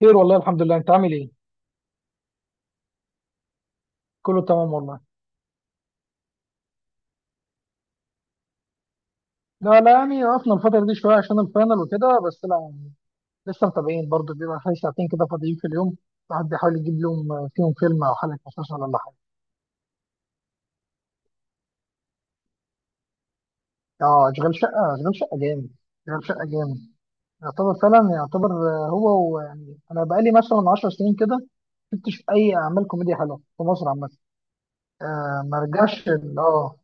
خير والله، الحمد لله. انت عامل ايه؟ كله تمام والله. لا لا، يعني وقفنا الفترة دي شوية عشان الفاينل وكده، بس لا، لسه متابعين برضه. بيبقى حوالي ساعتين كده فاضيين في اليوم. الواحد بيحاول يجيب لهم فيهم فيلم او حلقة مسلسل ولا حاجة. اه، اشغال شقة، اشغال شقة جامد. اشغال شقة جامد. يعتبر فعلا، يعتبر، هو يعني انا بقالي مثلا 10 سنين كده، ما شفتش اي اعمال كوميديا حلوه في مصر عامة. آه، ما رجعش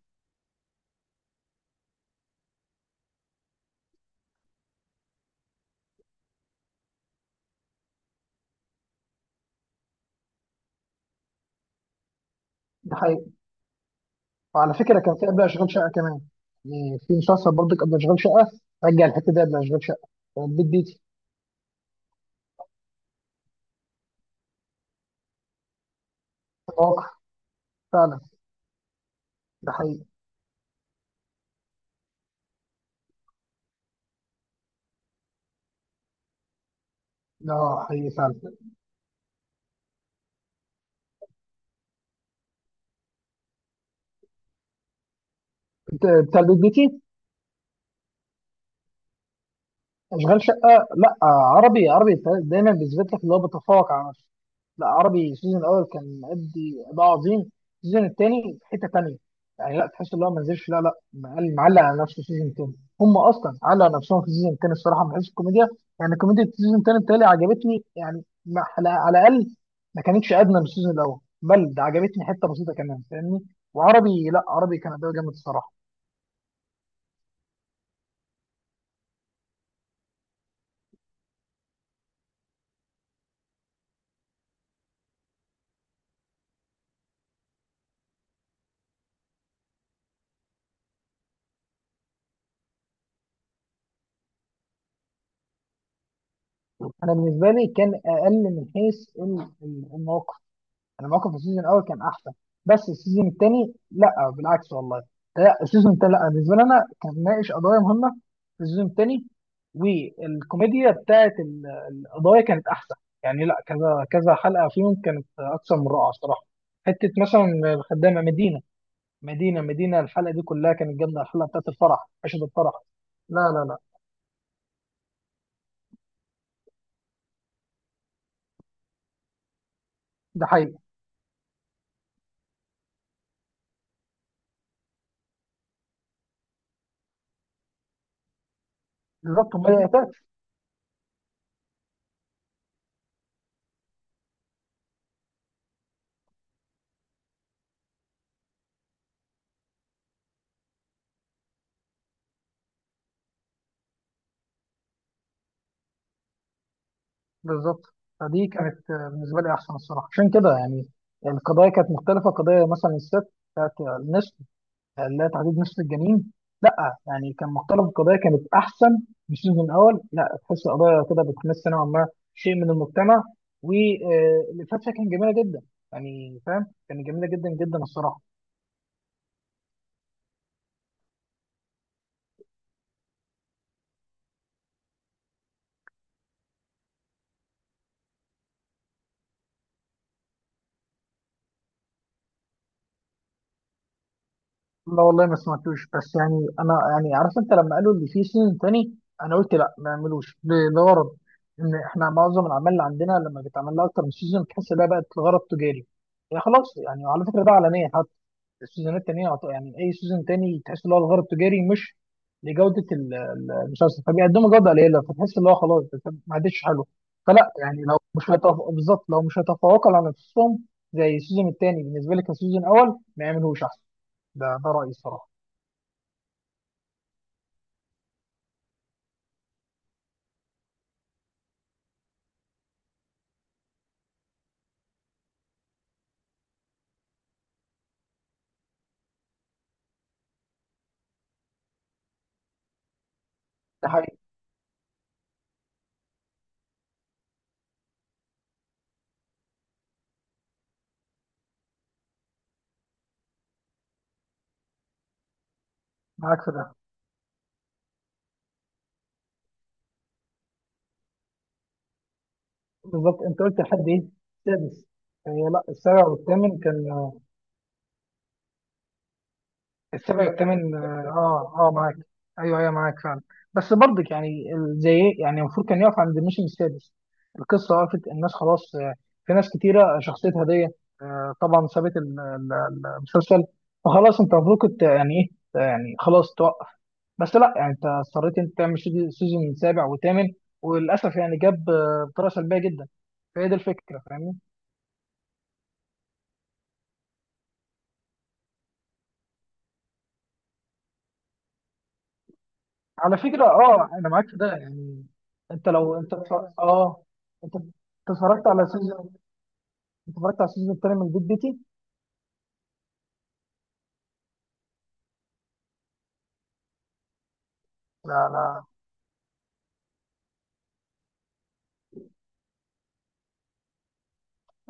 وعلى فكره، كان في قبل اشغال شقه كمان. يعني في مسلسل برضه قبل اشغال شقه، رجع الحته دي قبل اشغال شقه، بتاع البيت بيتي. واقع. فعلا. ده حقيقي. ده حقيقي فعلا. بتاع البيت بيتي. اشغال شقه، لا، عربي، عربي دايما بيثبت لك اللي هو بيتفوق على نفسه. لا، عربي السيزون الاول كان مأدي اداء عظيم. السيزون الثاني في حته ثانيه. يعني لا تحس ان هو ما نزلش. لا لا، معلق على نفسه السيزون الثاني. هم اصلا علقوا على نفسهم في السيزون الثاني الصراحه، من حيث الكوميديا. يعني كوميديا السيزون الثاني بتهيألي عجبتني، يعني ما على الاقل ما كانتش ادنى من السيزون الاول، بل ده عجبتني حته بسيطه كمان، فاهمني. وعربي، لا، عربي كان اداء جامد الصراحه. انا بالنسبه لي كان اقل من حيث المواقف. انا موقف السيزون الاول كان احسن. بس السيزون الثاني لا بالعكس والله. لا، السيزون الثاني، لا، بالنسبه لي انا كان ناقش قضايا مهمه في السيزون الثاني. والكوميديا بتاعت القضايا كانت احسن. يعني لا، كذا كذا حلقه فيهم كانت اكثر من رائعه الصراحه. حته مثلا الخدامه مدينه. مدينه مدينه الحلقه دي كلها كانت جامده. الحلقه بتاعت الفرح عشان الفرح. لا لا لا. ده حقيقي. بالظبط. بالظبط. فدي كانت، بالنسبه لي احسن الصراحه، عشان كده يعني القضايا كانت مختلفه. قضيه مثلا الست بتاعت النسل، اللي هي تحديد نسل الجنين. لا، يعني كان مختلف، القضايا كانت احسن. في السيزون الاول لا تحس القضايا كده بتمس نوعا ما شيء من المجتمع. والفتره كانت جميله جدا، يعني فاهم، كانت جميله جدا جدا الصراحه. لا والله، ما سمعتوش. بس يعني انا يعني عارف، انت لما قالوا اللي فيه سيزون تاني، انا قلت لا، ما يعملوش لغرض ان احنا معظم الاعمال اللي عندنا لما بيتعمل لها اكتر من سيزون تحس ده بقت لغرض تجاري. يعني خلاص، يعني وعلى فكره ده علنيه. السيزونات التانية يعني أي سيزون تاني تحس إن هو الغرض التجاري، مش لجودة المسلسل. فبيقدموا جودة قليلة، فتحس إن هو خلاص بس ما عادش حلو. فلا، يعني لو مش بالظبط، لو مش هيتفوقوا على نفسهم زي السيزون التاني بالنسبة لي كان السيزون الأول، ما يعملوش أحسن. ده رأيي الصراحة. ده حقيقي. معاك في ده. بالظبط، أنت قلت لحد إيه؟ السادس. آه، لا، السابع والثامن كان. السابع والثامن. اه. اه، معاك. ايوه ايوه، معاك فعلا. بس برضك يعني زي ايه، يعني المفروض كان يقف عند الموسم السادس. القصه وقفت الناس خلاص. في ناس كتيره شخصيتها ديت، طبعا سابت المسلسل. فخلاص انت المفروض كنت يعني ايه، يعني خلاص توقف. بس لا، يعني انت اضطريت انت تعمل سيزون سابع وثامن. وللاسف يعني جاب، بطريقه سلبيه جدا. فهي دي الفكره، فاهمني. على فكرة، اه، انا معاك في ده يعني. انت لو انت اتف- اه انت اتفرجت على سيزون اتفرجت على السيزون التاني من جد بيتي. لا لا،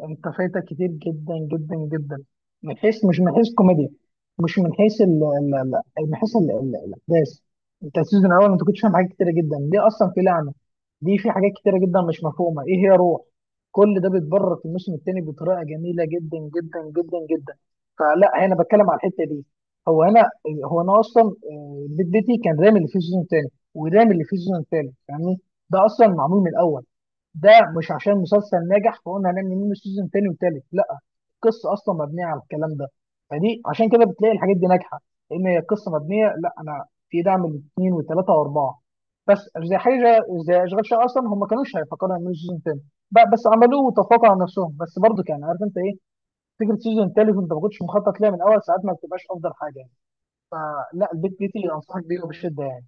انت فايتك كتير جدا جدا جدا. من حيث، مش من حيث كوميديا، مش من حيث ال ال ال من حيث الاحداث. انت السيزون الاول انت كنت فاهم حاجات كتيره جدا، ليه اصلا في لعنه، دي في حاجات كتيره جدا مش مفهومه، ايه هي روح. كل ده بيتبرر في الموسم الثاني بطريقه جميله جدا جدا جدا جدا. فلا، انا بتكلم على الحته دي. هو انا هو انا اصلا آه، البيت بيتي كان رامي اللي فيه السيزون الثاني ورامي اللي فيه السيزون الثالث، فاهمني. ده اصلا معمول من الاول، ده مش عشان مسلسل ناجح فقلنا هنعمل منه سيزون تاني وتالت، لا. القصه اصلا مبنيه على الكلام ده. فدي عشان كده بتلاقي الحاجات دي ناجحه، لان هي القصه مبنيه. لا، انا في دعم الاثنين وثلاثه واربعه، بس زي حاجه زي اشغال شقه اصلا هم ما كانوش هيفكروا يعملوا سيزون تاني. بس عملوه وتفوقوا على نفسهم، بس برضه كان عارف انت ايه، فكره سيزون تالت وانت ما كنتش مخطط ليها من الاول ساعات ما بتبقاش افضل حاجه يعني. فلا، البيت بيتي انصحك بيه وبشده يعني.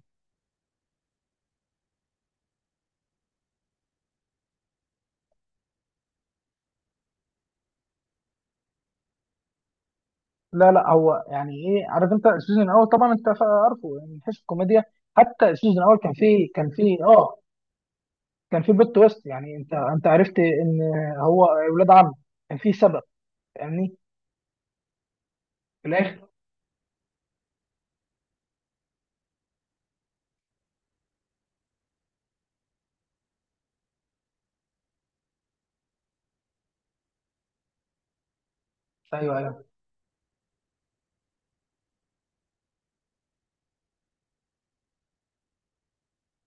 لا لا، هو يعني ايه، عارف انت السيزون الاول طبعا، انت عارفه يعني من حيث الكوميديا. حتى السيزون الاول كان فيه بلوت تويست، يعني انت عرفت ان هو ولاد عم، كان فيه سبب، فاهمني، في الاخر. ايوه ايوه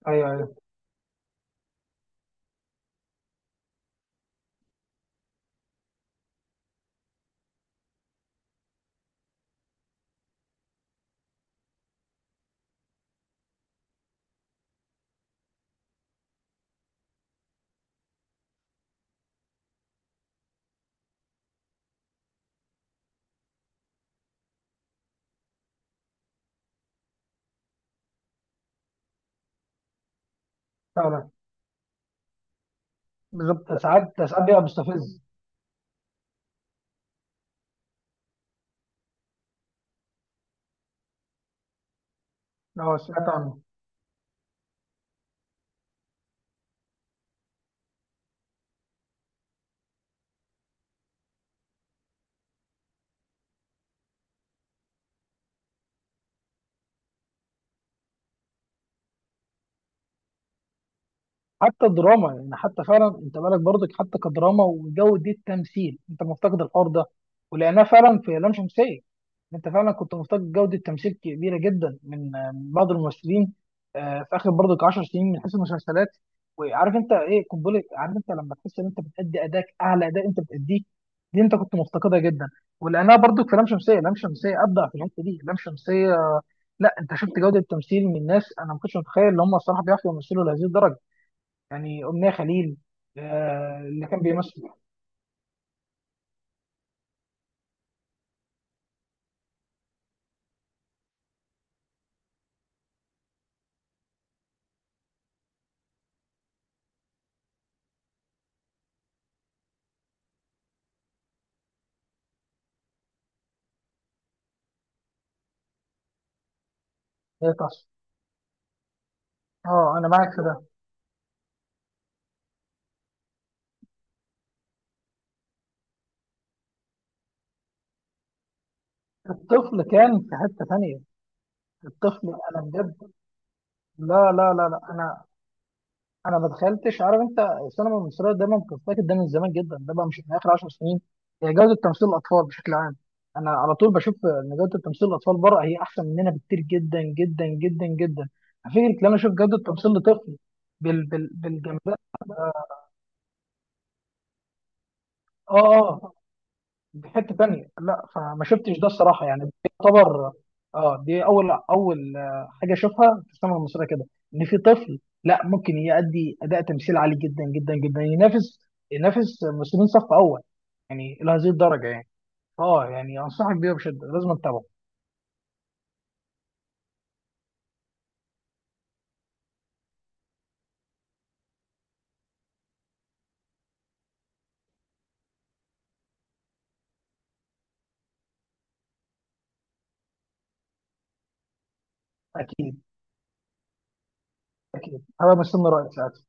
ايوه ايوه، فعلا. بالظبط، ساعات ساعات بيبقى مستفز. اه، سمعت عنه. حتى الدراما يعني، حتى فعلا انت بالك برضك حتى كدراما وجودة تمثيل، انت مفتقد الحوار ده. ولقيناه فعلا في لام شمسية يعني. انت فعلا كنت مفتقد جودة تمثيل كبيرة جدا من بعض الممثلين، في اخر برضك 10 سنين من حيث المسلسلات. وعارف انت ايه قنبلة، عارف انت لما تحس ان انت بتأدي اداك اعلى اداء انت بتأديه، دي انت كنت مفتقدها جدا. ولقيناها برضك في لام شمسية. لام شمسية ابدع في الحتة دي، لام شمسية. لا، انت شفت جودة تمثيل من ناس انا ما كنتش متخيل ان هم الصراحة بيعرفوا يمثلوا لهذه الدرجة. يعني أمنية خليل، اللي كان بيمثل. هي تصفي. اه، انا معاك في ده. الطفل كان في حتة تانية. الطفل انا بجد، لا لا لا لا، انا ما دخلتش عارف انت. السينما المصرية دايما بتفتكر، ده من زمان جدا، ده بقى مش من اخر 10 سنين، هي جودة تمثيل الاطفال بشكل عام. انا على طول بشوف ان جودة تمثيل الاطفال بره هي احسن مننا بكتير جدا جدا جدا جدا. فكرة ان انا اشوف جودة تمثيل لطفل بالجمدان. اه اه، دي حته تانية، لا فما شفتش ده الصراحه يعني دي يعتبر. اه، دي اول اول، حاجه اشوفها في السينما المصريه كده، ان في طفل لا، ممكن يأدي اداء تمثيل عالي جدا جدا جدا، ينافس ممثلين صف اول، يعني الى هذه الدرجه يعني. اه، يعني انصحك بيه بشده لازم تتابعه. اكيد. اكيد هبقى مستني رايك ساعتها.